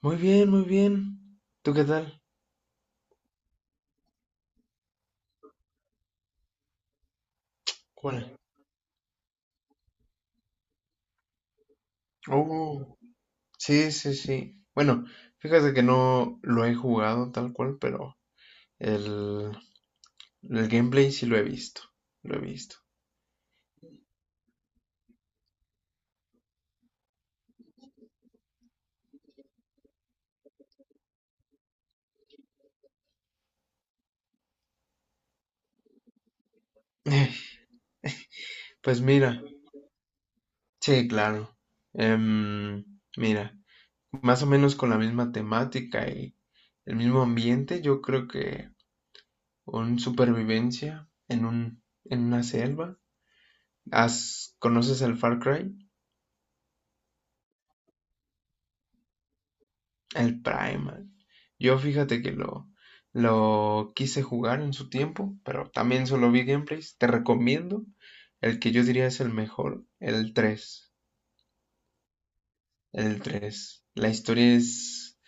Muy bien, muy bien. ¿Tú qué tal? ¿Cuál? Oh, sí, sí, sí. Bueno, fíjate que no lo he jugado tal cual, pero el, el gameplay sí lo he visto. Lo he visto. Eh, Pues mira, sí, claro. Em, mira, más o menos con la misma temática y el mismo ambiente, yo creo que un supervivencia en en una selva. ¿Has, conoces el Far Cry? El Primal. Yo fíjate que lo quise jugar en su tiempo, pero también solo vi gameplays. Te recomiendo el que yo diría es el mejor, el tres. El tres. La historia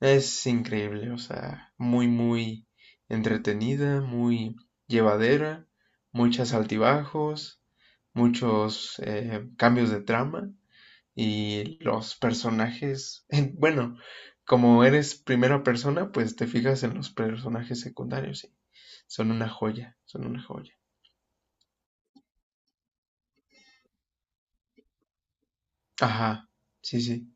es increíble, o sea, muy, muy entretenida, muy llevadera, muchos altibajos, muchos cambios de trama y los personajes, como eres primera persona, pues te fijas en los personajes secundarios y son una joya, son una joya. Ajá, sí, sí,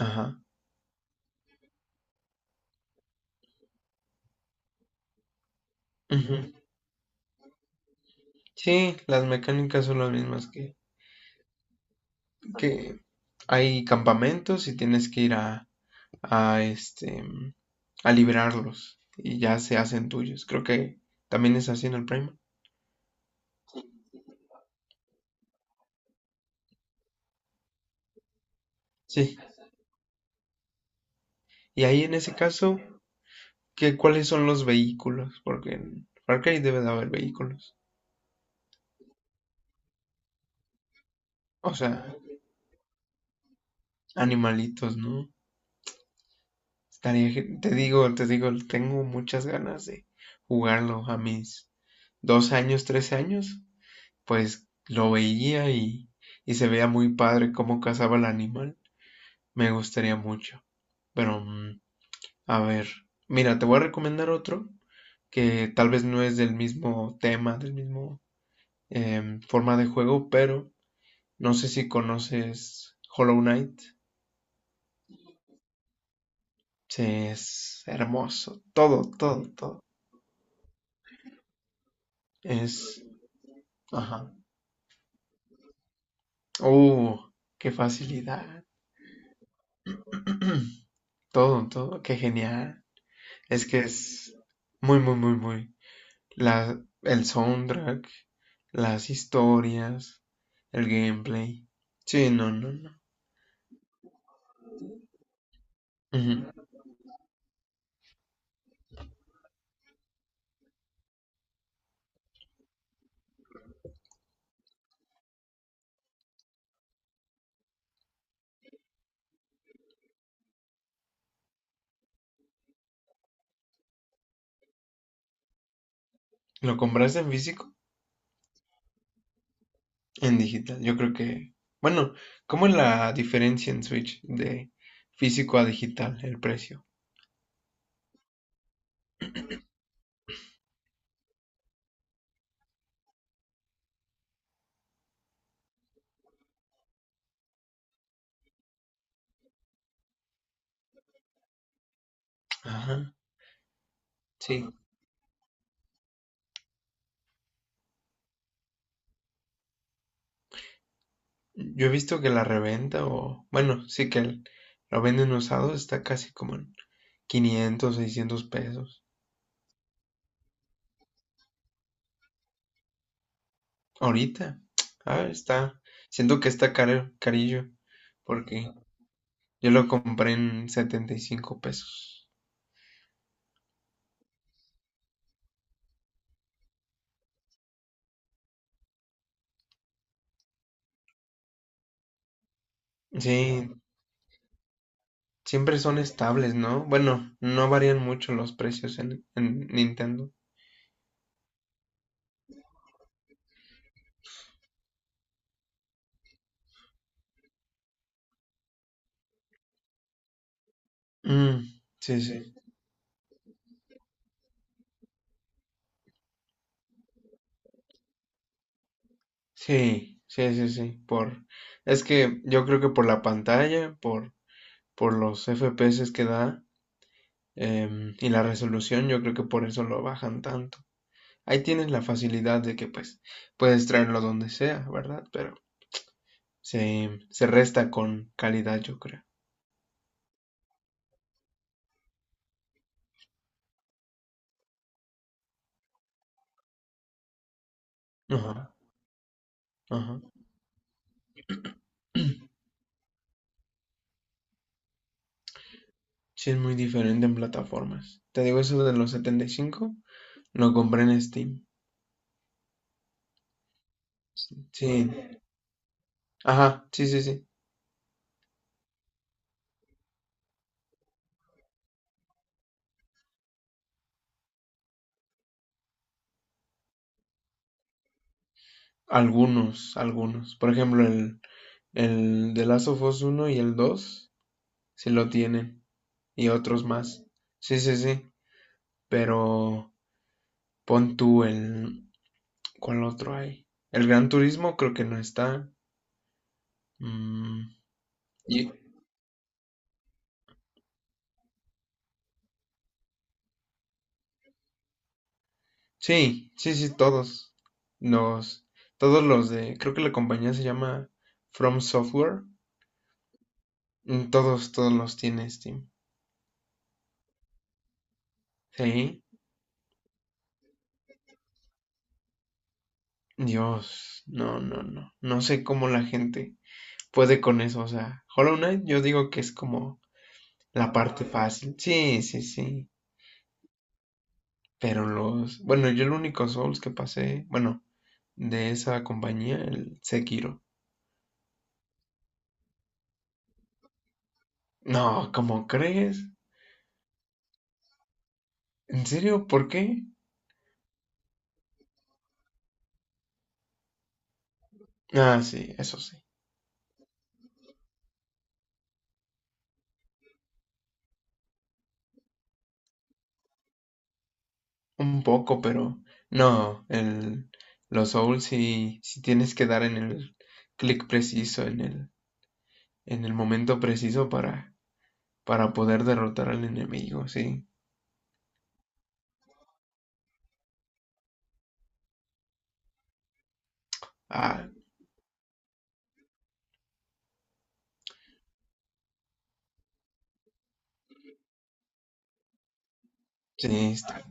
ajá. Ujú. Sí, las mecánicas son las mismas que hay campamentos y tienes que ir a a liberarlos y ya se hacen tuyos. Creo que también es así en el Prime. Sí, y ahí en ese caso, ¿qué, cuáles son los vehículos? Porque en Far Cry debe de haber vehículos. O sea, animalitos, ¿no? Estaría, te digo, tengo muchas ganas de jugarlo. A mis 2 años, 3 años, pues lo veía y se veía muy padre cómo cazaba el animal. Me gustaría mucho. Pero, a ver, mira, te voy a recomendar otro que tal vez no es del mismo tema, del mismo forma de juego, pero no sé si conoces Hollow Knight. Sí, es hermoso. Todo, todo, todo. Es. Ajá. Uh, qué facilidad. Todo, todo. Qué genial. Es que es muy, muy, muy, muy. El soundtrack, las historias, el gameplay. Sí, no, no, no. Ujú. ¿Lo compraste en físico? En digital, yo creo que, bueno, ¿cómo es la diferencia en Switch de físico a digital, el precio? Ajá, sí. Yo he visto que la reventa o, bueno, sí que lo venden usado, está casi como en 500, 600 pesos. Ahorita, ah, está, siento que está caro, carillo, porque yo lo compré en 75 pesos. Sí, siempre son estables, ¿no? Bueno, no varían mucho los precios en Nintendo. Mm, sí, sí, sí, sí, sí, sí, es que yo creo que por la pantalla, por los FPS que da y la resolución, yo creo que por eso lo bajan tanto. Ahí tienes la facilidad de que pues puedes traerlo donde sea, ¿verdad? Pero se resta con calidad, yo creo. Ajá, ajá. Sí, es muy diferente en plataformas. Te digo, eso de los 75 lo compré en Steam. Sí, ajá, sí, sí, sí. Algunos, algunos. Por ejemplo, el The Last of Us 1 y el dos sí lo tienen. Y otros más. Sí, sí, sí. Pero pon tú el... ¿Cuál otro hay? El Gran Turismo creo que no está. Mm, y- sí, sí, sí, todos. Los, todos los de... Creo que la compañía se llama From Software. Mm, todos, todos los tiene Steam. Sí. Dios, no, no, no. No sé cómo la gente... puede con eso, o sea, Hollow Knight yo digo que es como la parte fácil. Sí, sí, sí. Pero los, bueno, yo el único Souls que pasé, bueno, de esa compañía, el Sekiro. No, ¿cómo crees? ¿En serio? ¿Por qué? Ah, sí, eso sí. Un poco, pero no, el los Souls sí, sí tienes que dar en el clic preciso, en el, en el momento preciso para poder derrotar al enemigo, sí. Ah, sí, está.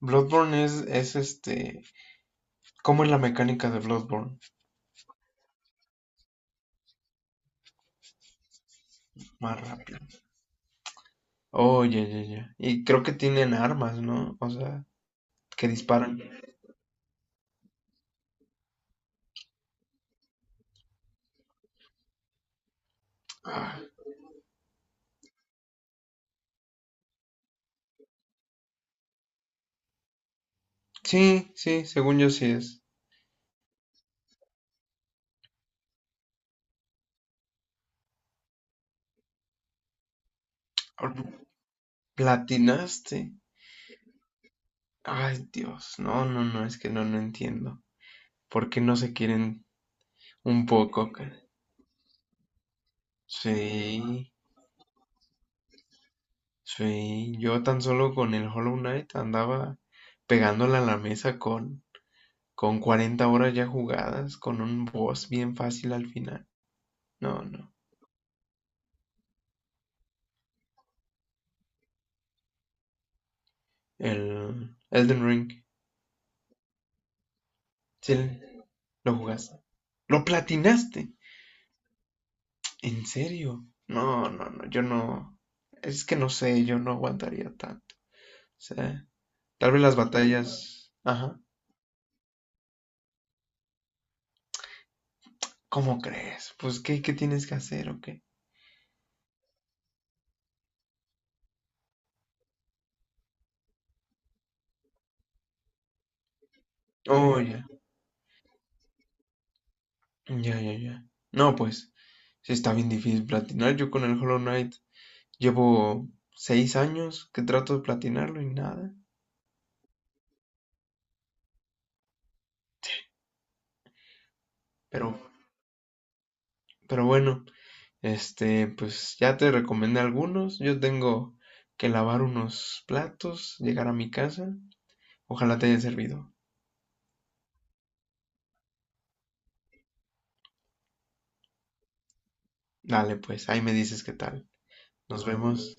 Bloodborne es este. ¿Cómo es la mecánica de Bloodborne? Más rápido. Oh, ya, ya, ya. Y creo que tienen armas, ¿no? O sea, que disparan. Ah, sí, sí, según yo sí es. Platinaste. Ay, Dios. No, no, no, es que no, no entiendo. ¿Por qué no se quieren un poco? Sí, sí. Yo tan solo con el Hollow Knight andaba pegándole a la mesa con 40 horas ya jugadas, con un boss bien fácil al final. No, no. El Elden Ring. Sí, lo jugaste. ¿Lo platinaste? ¿En serio? No, no, no. Yo no. Es que no sé, yo no aguantaría tanto. O sea, tal vez las batallas. Ajá. ¿Cómo crees? Pues, ¿qué, qué tienes que hacer o qué? Oh, ya. Ya, ya, ya. No, pues, sí está bien difícil platinar. Yo con el Hollow Knight llevo 6 años que trato de platinarlo y nada. Pero, pero bueno, este, pues ya te recomendé algunos. Yo tengo que lavar unos platos, llegar a mi casa. Ojalá te haya servido. Dale, pues, ahí me dices qué tal. Nos vemos.